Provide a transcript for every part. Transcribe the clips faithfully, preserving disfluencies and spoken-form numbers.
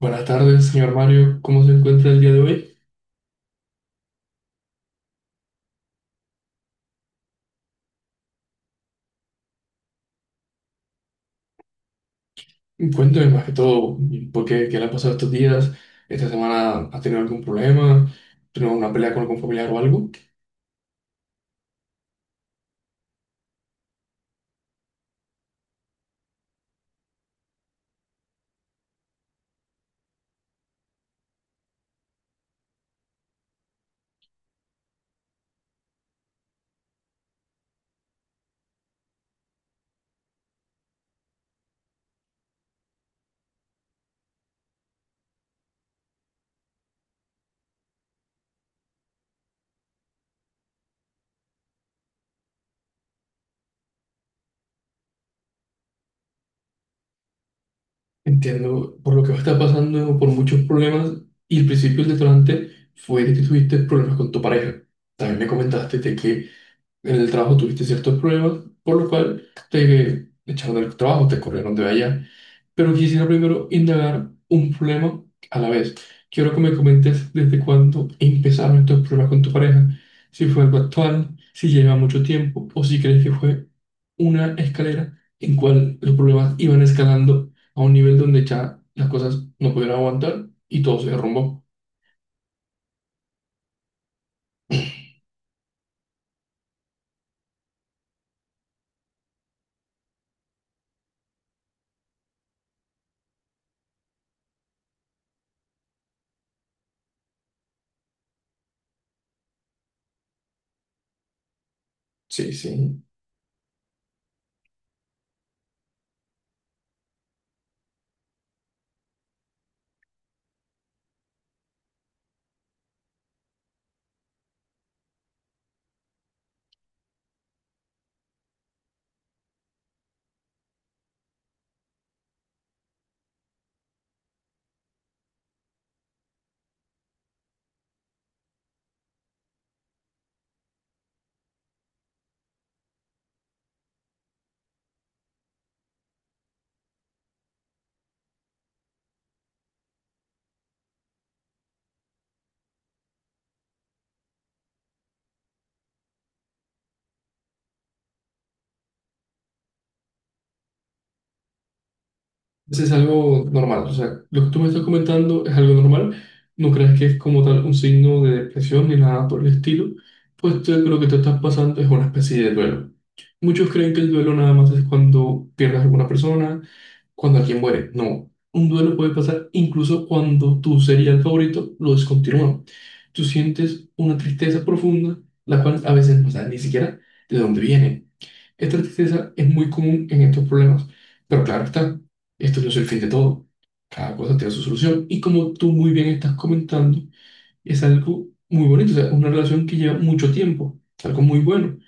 Buenas tardes, señor Mario. ¿Cómo se encuentra el día de hoy? Cuénteme más que todo, ¿por qué, qué le ha pasado estos días? ¿Esta semana ha tenido algún problema? ¿Tuvo una pelea con algún familiar o algo? Entiendo por lo que está pasando, por muchos problemas, y el principio del detonante fue de que tuviste problemas con tu pareja. También me comentaste de que en el trabajo tuviste ciertos problemas, por lo cual te echaron del trabajo, te corrieron de allá. Pero quisiera primero indagar un problema a la vez. Quiero que me comentes desde cuándo empezaron estos problemas con tu pareja, si fue algo actual, si lleva mucho tiempo o si crees que fue una escalera en cual los problemas iban escalando a un nivel donde ya las cosas no pudieron aguantar y todo se derrumbó. Sí, sí. Eso es algo normal. O sea, lo que tú me estás comentando es algo normal. No creas que es como tal un signo de depresión ni nada por el estilo, pues tú- lo que te estás pasando es una especie de duelo. Muchos creen que el duelo nada más es cuando pierdes a alguna persona, cuando alguien muere. No, un duelo puede pasar incluso cuando tu serial favorito lo descontinúa. Tú sientes una tristeza profunda, la cual a veces no sabes ni siquiera de dónde viene. Esta tristeza es muy común en estos problemas, pero claro está, esto no es el fin de todo. Cada cosa tiene su solución y como tú muy bien estás comentando, es algo muy bonito, o sea, una relación que lleva mucho tiempo, es algo muy bueno.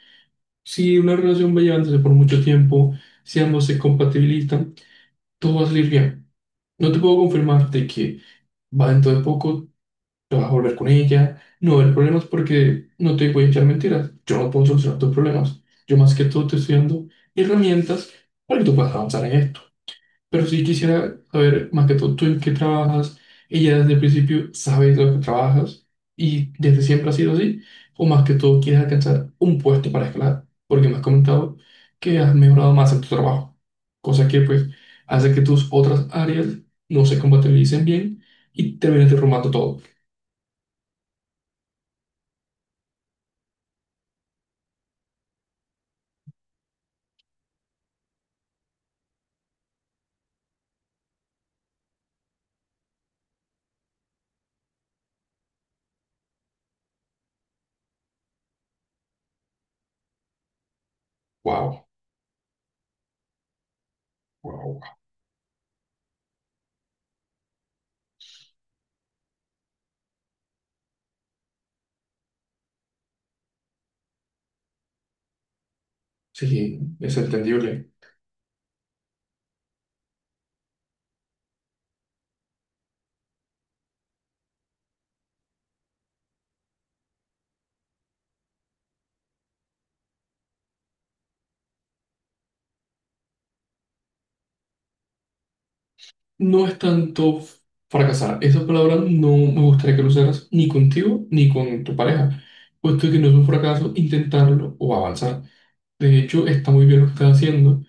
Si una relación va llevándose por mucho tiempo, si ambos se compatibilizan, todo va a salir bien. No te puedo confirmar de que va dentro de poco te vas a volver con ella, no va a haber problemas porque no te voy a echar mentiras, yo no puedo solucionar tus problemas, yo más que todo te estoy dando herramientas para que tú puedas avanzar en esto. Pero sí quisiera saber más que todo tú en qué trabajas, ella desde el principio sabe lo que trabajas y desde siempre ha sido así, o más que todo quieres alcanzar un puesto para escalar, porque me has comentado que has mejorado más en tu trabajo, cosa que pues hace que tus otras áreas no se compatibilicen bien y termines derrumbando todo. Wow. Wow. Sí, es entendible. No es tanto f- fracasar. Esa palabra no me gustaría que lo usaras ni contigo ni con tu pareja, puesto que no es un fracaso intentarlo o avanzar. De hecho, está muy bien lo que estás haciendo.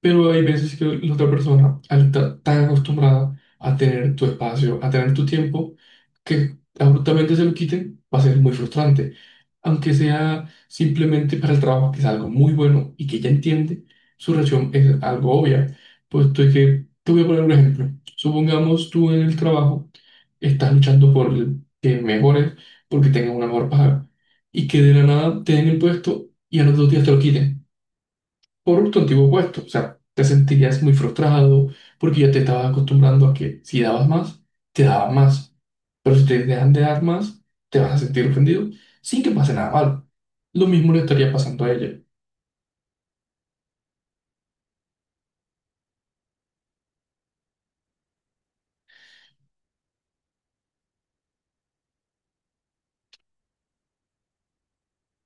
Pero hay veces que la otra persona, al estar tan acostumbrada a tener tu espacio, a tener tu tiempo, que abruptamente se lo quiten, va a ser muy frustrante. Aunque sea simplemente para el trabajo, que es algo muy bueno y que ella entiende, su reacción es algo obvia. Puesto que te voy a poner un ejemplo. Supongamos tú en el trabajo estás luchando por el- que mejores, porque tengas una mejor paga, y que de la nada te den el puesto y a los dos días te lo quiten por tu antiguo puesto. O sea, te sentirías muy frustrado porque ya te estabas acostumbrando a que si dabas más, te daban más. Pero si te dejan de dar más, te vas a sentir ofendido sin que pase nada malo. Lo mismo le estaría pasando a ella.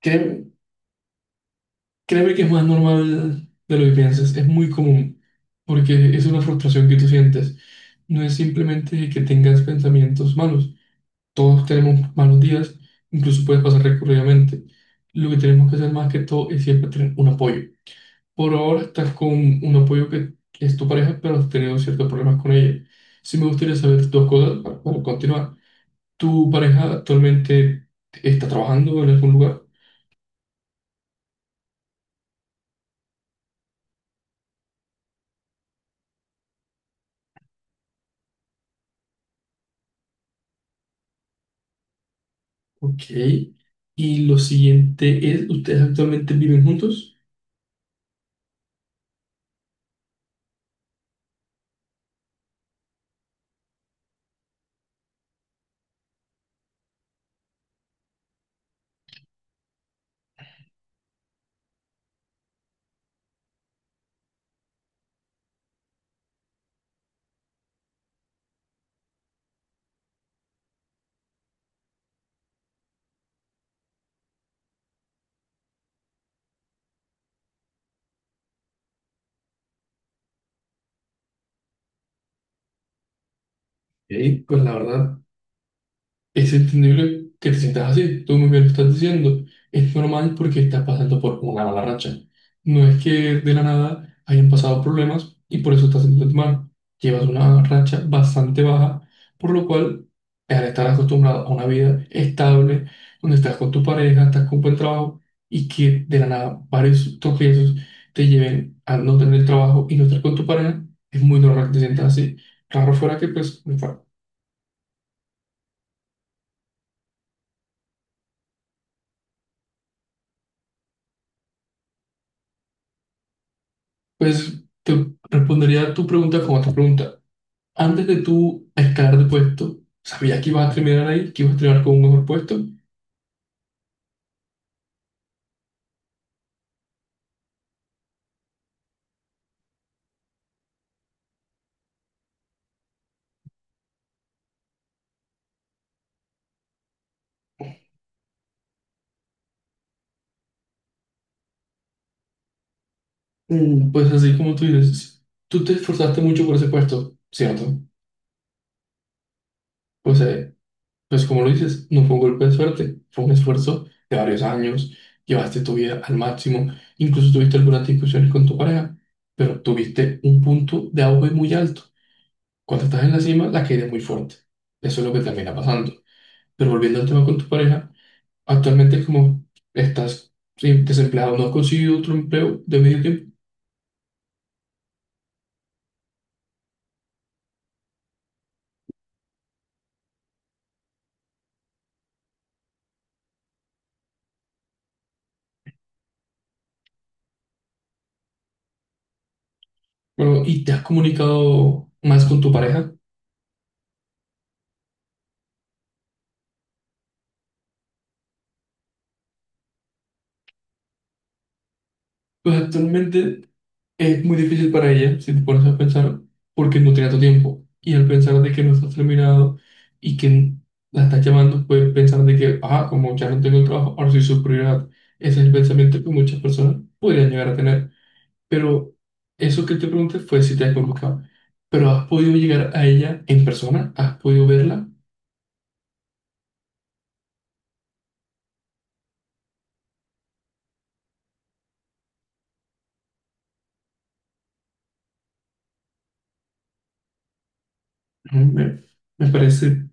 Créeme, créeme que es más normal de lo que piensas, es muy común, porque es una frustración que tú sientes. No es simplemente que tengas pensamientos malos. Todos tenemos malos días, incluso puede pasar recurridamente. Lo que tenemos que hacer más que todo es siempre tener un apoyo. Por ahora estás con un apoyo que, que es tu pareja, pero has tenido ciertos problemas con ella. Sí me gustaría saber dos cosas pa- para continuar. ¿Tu pareja actualmente está trabajando en algún lugar? Ok. Y lo siguiente es, ¿ustedes actualmente viven juntos? Ok, pues la verdad. Es entendible que te sientas así, tú muy bien lo estás diciendo, es normal porque estás pasando por una mala racha. No es que de la nada hayan pasado problemas y por eso estás sintiéndote mal. Llevas una racha bastante baja, por lo cual, al estar acostumbrado a una vida estable, donde estás con tu pareja, estás con buen trabajo y que de la nada varios tropiezos te lleven a no tener trabajo y no estar con tu pareja, es muy normal que te sientas así. Raro fuera que pues. Pues te respondería tu pregunta con otra pregunta. Antes de tú escalar de puesto, ¿sabías que ibas a terminar ahí, que ibas a terminar con un mejor puesto? Mm, pues así como tú dices, tú te esforzaste mucho por ese puesto, ¿cierto? Pues, eh, pues como lo dices, no fue un golpe de suerte, fue un esfuerzo de varios años, llevaste tu vida al máximo, incluso tuviste algunas discusiones con tu pareja, pero tuviste un punto de auge muy alto. Cuando estás en la cima, la caída es muy fuerte. Eso es lo que termina pasando. Pero volviendo al tema con tu pareja, actualmente es como estás sí, desempleado, no has conseguido otro empleo de medio tiempo. Bueno, ¿y te has comunicado más con tu pareja? Pues actualmente es muy difícil para ella, si te pones a pensar, porque no tiene tu tiempo. Y al pensar de que no estás terminado y que la estás llamando, puedes pensar de que, ah, como ya no tengo el trabajo, ahora soy su prioridad. Ese es el pensamiento que muchas personas podrían llegar a tener. Pero eso que te pregunté fue si te has comunicado. Pero ¿has podido llegar a ella en persona? ¿Has podido verla? Mm, Me, me parece,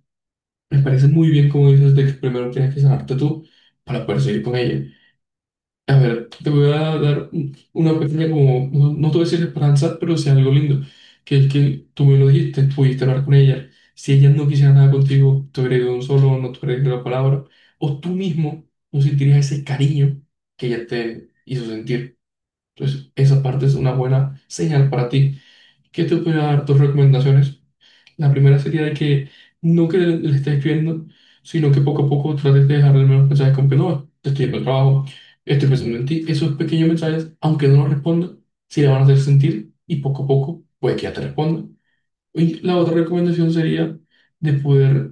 me parece muy bien como dices de que primero tienes que sanarte tú para poder seguir con ella. A ver, te voy a dar un- una pequeña como, no, no te voy a decir esperanza, pero sí algo lindo, que es que tú me lo dijiste, pudiste hablar con ella. Si ella no quisiera nada contigo, te hubiera ido un solo, no te hubiera dicho la palabra, o tú mismo no sentirías ese cariño que ella te hizo sentir. Entonces, esa parte es una buena señal para ti. ¿Qué te voy a dar dos recomendaciones? La primera sería de que no que le, le estés escribiendo, sino que poco a poco trates de dejarle al menos mensajes como que no, te estoy yendo al trabajo, estoy pensando en ti. Esos pequeños mensajes, aunque no los responda, sí le van a hacer sentir y poco a poco puede que ya te responda. Y la otra recomendación sería de poder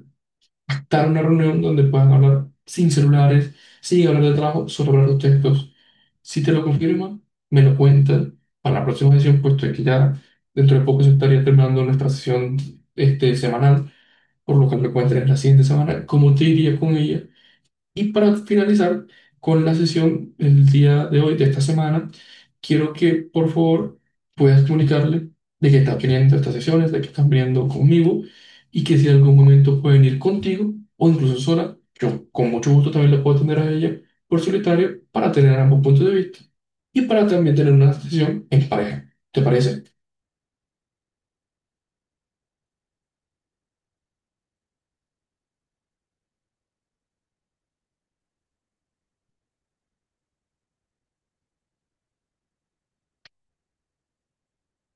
dar una reunión donde puedan hablar sin celulares, sin hablar de trabajo, solo hablar de ustedes dos. Si te lo confirman, me lo cuentan para la próxima sesión, puesto que ya dentro de poco se estaría terminando nuestra sesión este, semanal, por lo cual me pueden tener la siguiente semana, cómo te iría con ella. Y para finalizar con la sesión el día de hoy, de esta semana, quiero que por favor puedas comunicarle de que estás viniendo a estas sesiones, de que estás viniendo conmigo y que si en algún momento pueden ir contigo o incluso sola, yo con mucho gusto también la puedo atender a ella por solitario para tener ambos puntos de vista y para también tener una sesión en pareja. ¿Te parece?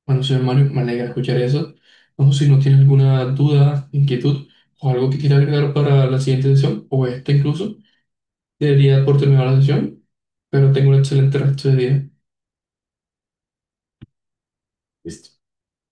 Bueno, señor Mario, me alegra escuchar eso. No si no tiene alguna duda, inquietud o algo que quiera agregar para la siguiente sesión o esta incluso. Debería por terminar la sesión, pero tengo un excelente resto de día.